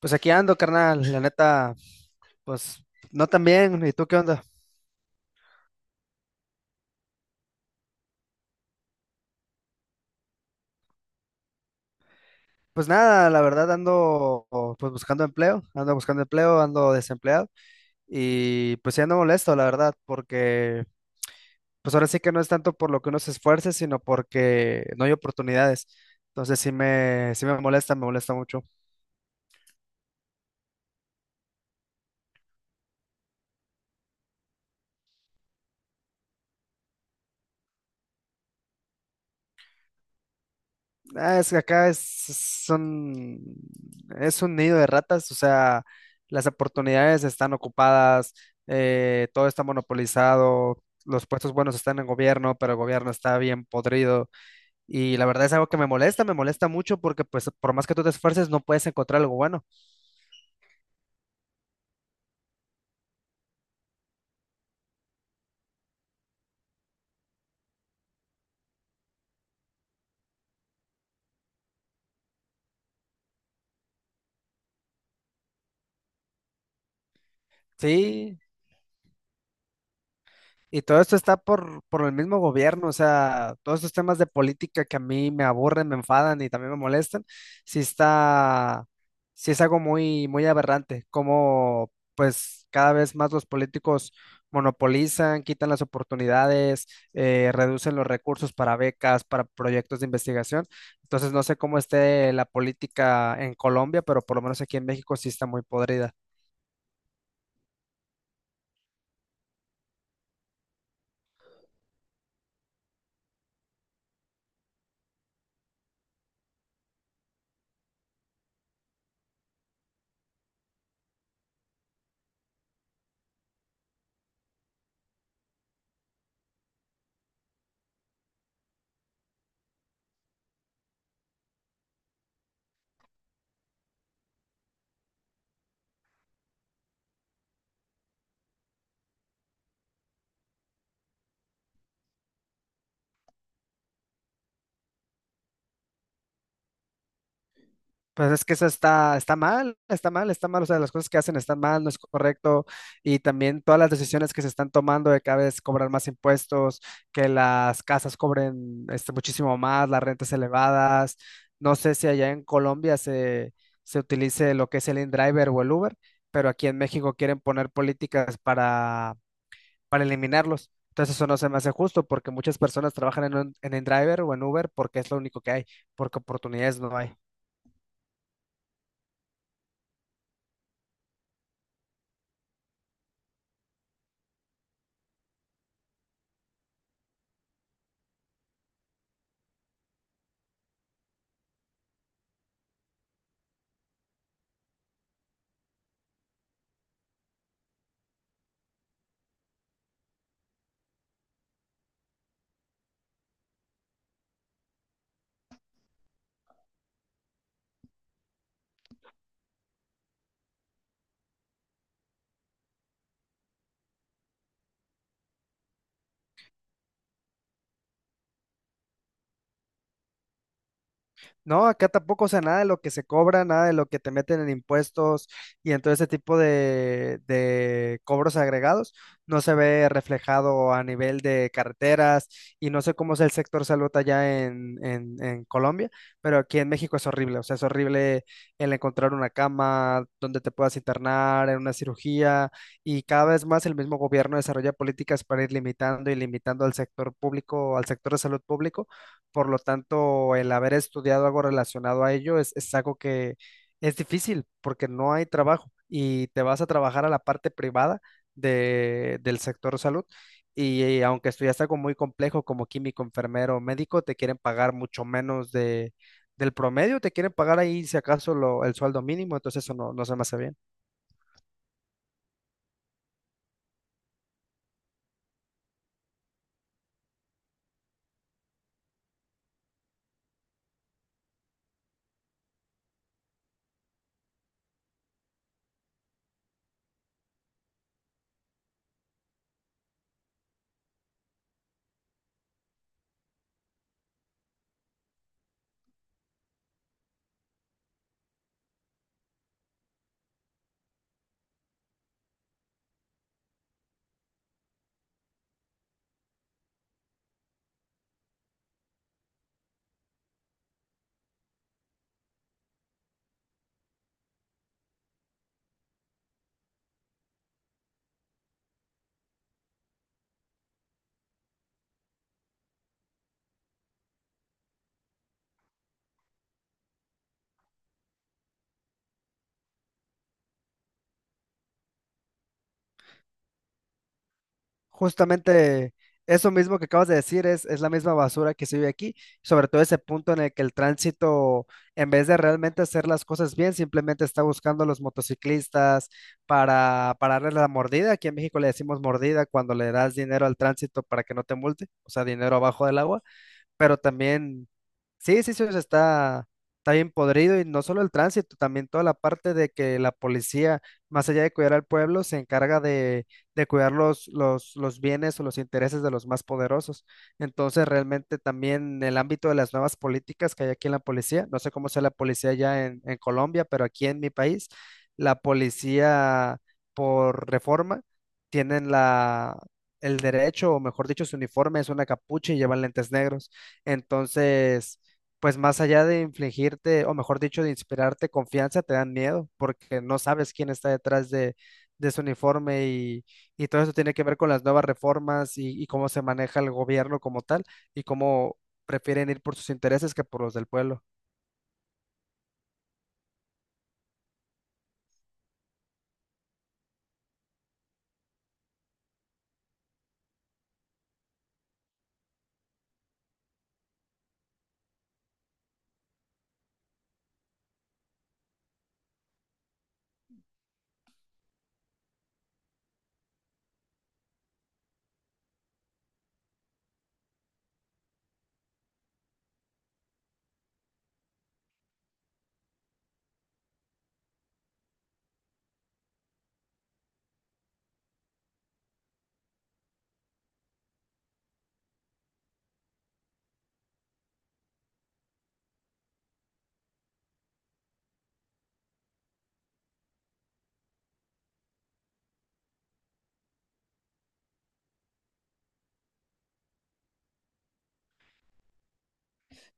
Pues aquí ando, carnal, la neta, pues no tan bien. ¿Y tú qué onda? Pues nada, la verdad ando pues buscando empleo, ando desempleado y pues sí ando molesto, la verdad, porque pues ahora sí que no es tanto por lo que uno se esfuerce, sino porque no hay oportunidades. Entonces sí me molesta, me molesta mucho. Ah, es que acá es, son, es un nido de ratas. O sea, las oportunidades están ocupadas, todo está monopolizado, los puestos buenos están en gobierno, pero el gobierno está bien podrido. Y la verdad es algo que me molesta mucho porque pues por más que tú te esfuerces no puedes encontrar algo bueno. Sí, y todo esto está por el mismo gobierno, o sea, todos estos temas de política que a mí me aburren, me enfadan y también me molestan, sí está, sí es algo muy, muy aberrante, como pues cada vez más los políticos monopolizan, quitan las oportunidades, reducen los recursos para becas, para proyectos de investigación. Entonces no sé cómo esté la política en Colombia, pero por lo menos aquí en México sí está muy podrida. Pues es que eso está, está mal, está mal, está mal. O sea, las cosas que hacen están mal, no es correcto. Y también todas las decisiones que se están tomando de cada vez cobrar más impuestos, que las casas cobren este, muchísimo más, las rentas elevadas. No sé si allá en Colombia se utilice lo que es el InDriver o el Uber, pero aquí en México quieren poner políticas para eliminarlos. Entonces eso no se me hace justo porque muchas personas trabajan en, en InDriver o en Uber porque es lo único que hay, porque oportunidades no hay. No, acá tampoco. O sea, nada de lo que se cobra, nada de lo que te meten en impuestos y en todo ese tipo de cobros agregados, no se ve reflejado a nivel de carreteras. Y no sé cómo es el sector salud allá en Colombia, pero aquí en México es horrible. O sea, es horrible el encontrar una cama donde te puedas internar, en una cirugía, y cada vez más el mismo gobierno desarrolla políticas para ir limitando y limitando al sector público, al sector de salud público. Por lo tanto, el haber estudiado algo relacionado a ello es algo que es difícil porque no hay trabajo y te vas a trabajar a la parte privada del sector salud. Y, aunque estudias algo muy complejo como químico, enfermero, médico, te quieren pagar mucho menos de, del promedio, te quieren pagar ahí si acaso el sueldo mínimo. Entonces eso no, no se me hace bien. Justamente eso mismo que acabas de decir es la misma basura que se vive aquí, sobre todo ese punto en el que el tránsito, en vez de realmente hacer las cosas bien, simplemente está buscando a los motociclistas para darle la mordida. Aquí en México le decimos mordida cuando le das dinero al tránsito para que no te multe, o sea, dinero abajo del agua, pero también... Sí, sí, sí, o sea, está, está bien podrido, y no solo el tránsito, también toda la parte de que la policía, más allá de cuidar al pueblo, se encarga de cuidar los bienes o los intereses de los más poderosos. Entonces, realmente también en el ámbito de las nuevas políticas que hay aquí en la policía, no sé cómo sea la policía ya en Colombia, pero aquí en mi país, la policía por reforma tienen la... el derecho, o mejor dicho, su uniforme es una capucha y llevan lentes negros. Entonces, pues más allá de infligirte, o mejor dicho, de inspirarte confianza, te dan miedo porque no sabes quién está detrás de ese uniforme, y todo eso tiene que ver con las nuevas reformas y cómo se maneja el gobierno como tal, y cómo prefieren ir por sus intereses que por los del pueblo.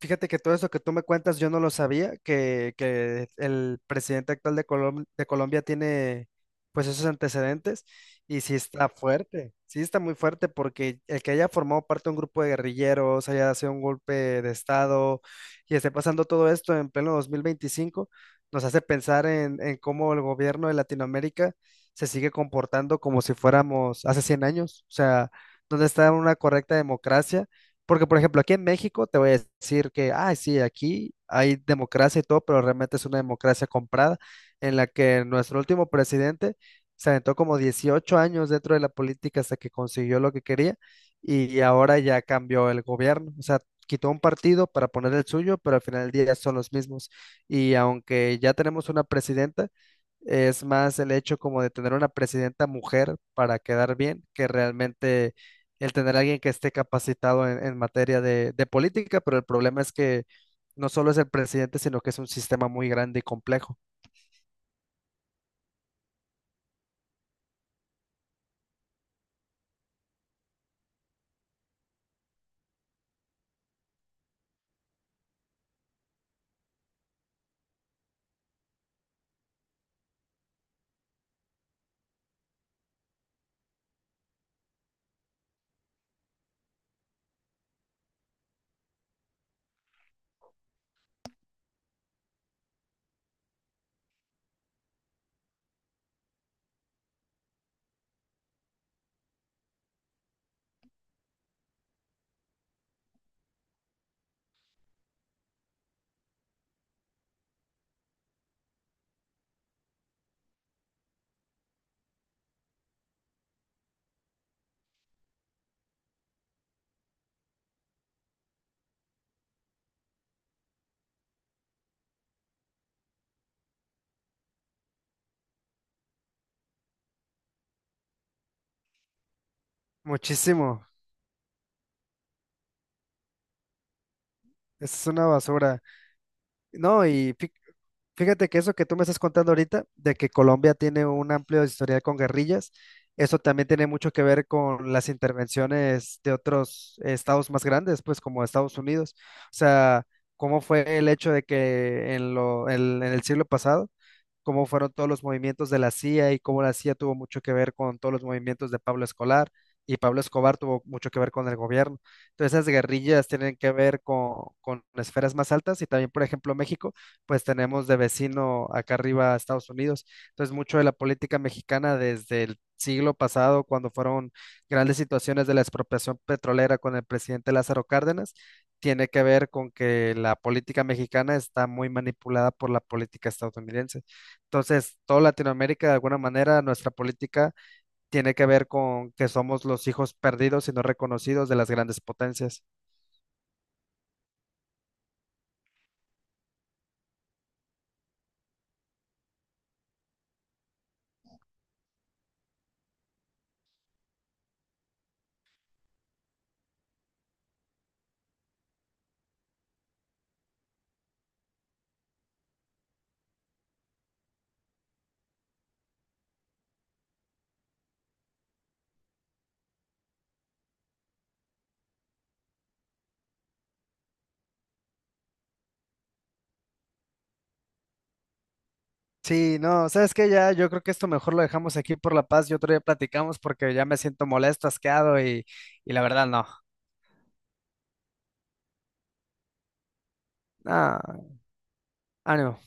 Fíjate que todo eso que tú me cuentas, yo no lo sabía, que el presidente actual de de Colombia tiene pues esos antecedentes, y sí está fuerte, sí está muy fuerte porque el que haya formado parte de un grupo de guerrilleros, haya sido un golpe de estado y esté pasando todo esto en pleno 2025 nos hace pensar en cómo el gobierno de Latinoamérica se sigue comportando como si fuéramos hace 100 años. O sea, dónde está una correcta democracia, porque, por ejemplo, aquí en México te voy a decir que, ah, sí, aquí hay democracia y todo, pero realmente es una democracia comprada en la que nuestro último presidente se aventó como 18 años dentro de la política hasta que consiguió lo que quería y ahora ya cambió el gobierno. O sea, quitó un partido para poner el suyo, pero al final del día son los mismos. Y aunque ya tenemos una presidenta, es más el hecho como de tener una presidenta mujer para quedar bien que realmente el tener a alguien que esté capacitado en materia de política, pero el problema es que no solo es el presidente, sino que es un sistema muy grande y complejo. Muchísimo. Es una basura. No, y fíjate que eso que tú me estás contando ahorita, de que Colombia tiene un amplio historial con guerrillas, eso también tiene mucho que ver con las intervenciones de otros estados más grandes, pues como Estados Unidos. O sea, cómo fue el hecho de que en lo, en el siglo pasado cómo fueron todos los movimientos de la CIA y cómo la CIA tuvo mucho que ver con todos los movimientos de Pablo Escolar, y Pablo Escobar tuvo mucho que ver con el gobierno. Entonces esas guerrillas tienen que ver con esferas más altas, y también, por ejemplo, México, pues tenemos de vecino acá arriba a Estados Unidos. Entonces mucho de la política mexicana desde el siglo pasado, cuando fueron grandes situaciones de la expropiación petrolera con el presidente Lázaro Cárdenas, tiene que ver con que la política mexicana está muy manipulada por la política estadounidense. Entonces, toda Latinoamérica, de alguna manera, nuestra política tiene que ver con que somos los hijos perdidos y no reconocidos de las grandes potencias. Sí, no, sabes que ya yo creo que esto mejor lo dejamos aquí por la paz y otro día platicamos porque ya me siento molesto, asqueado y la verdad no. Ah, ánimo.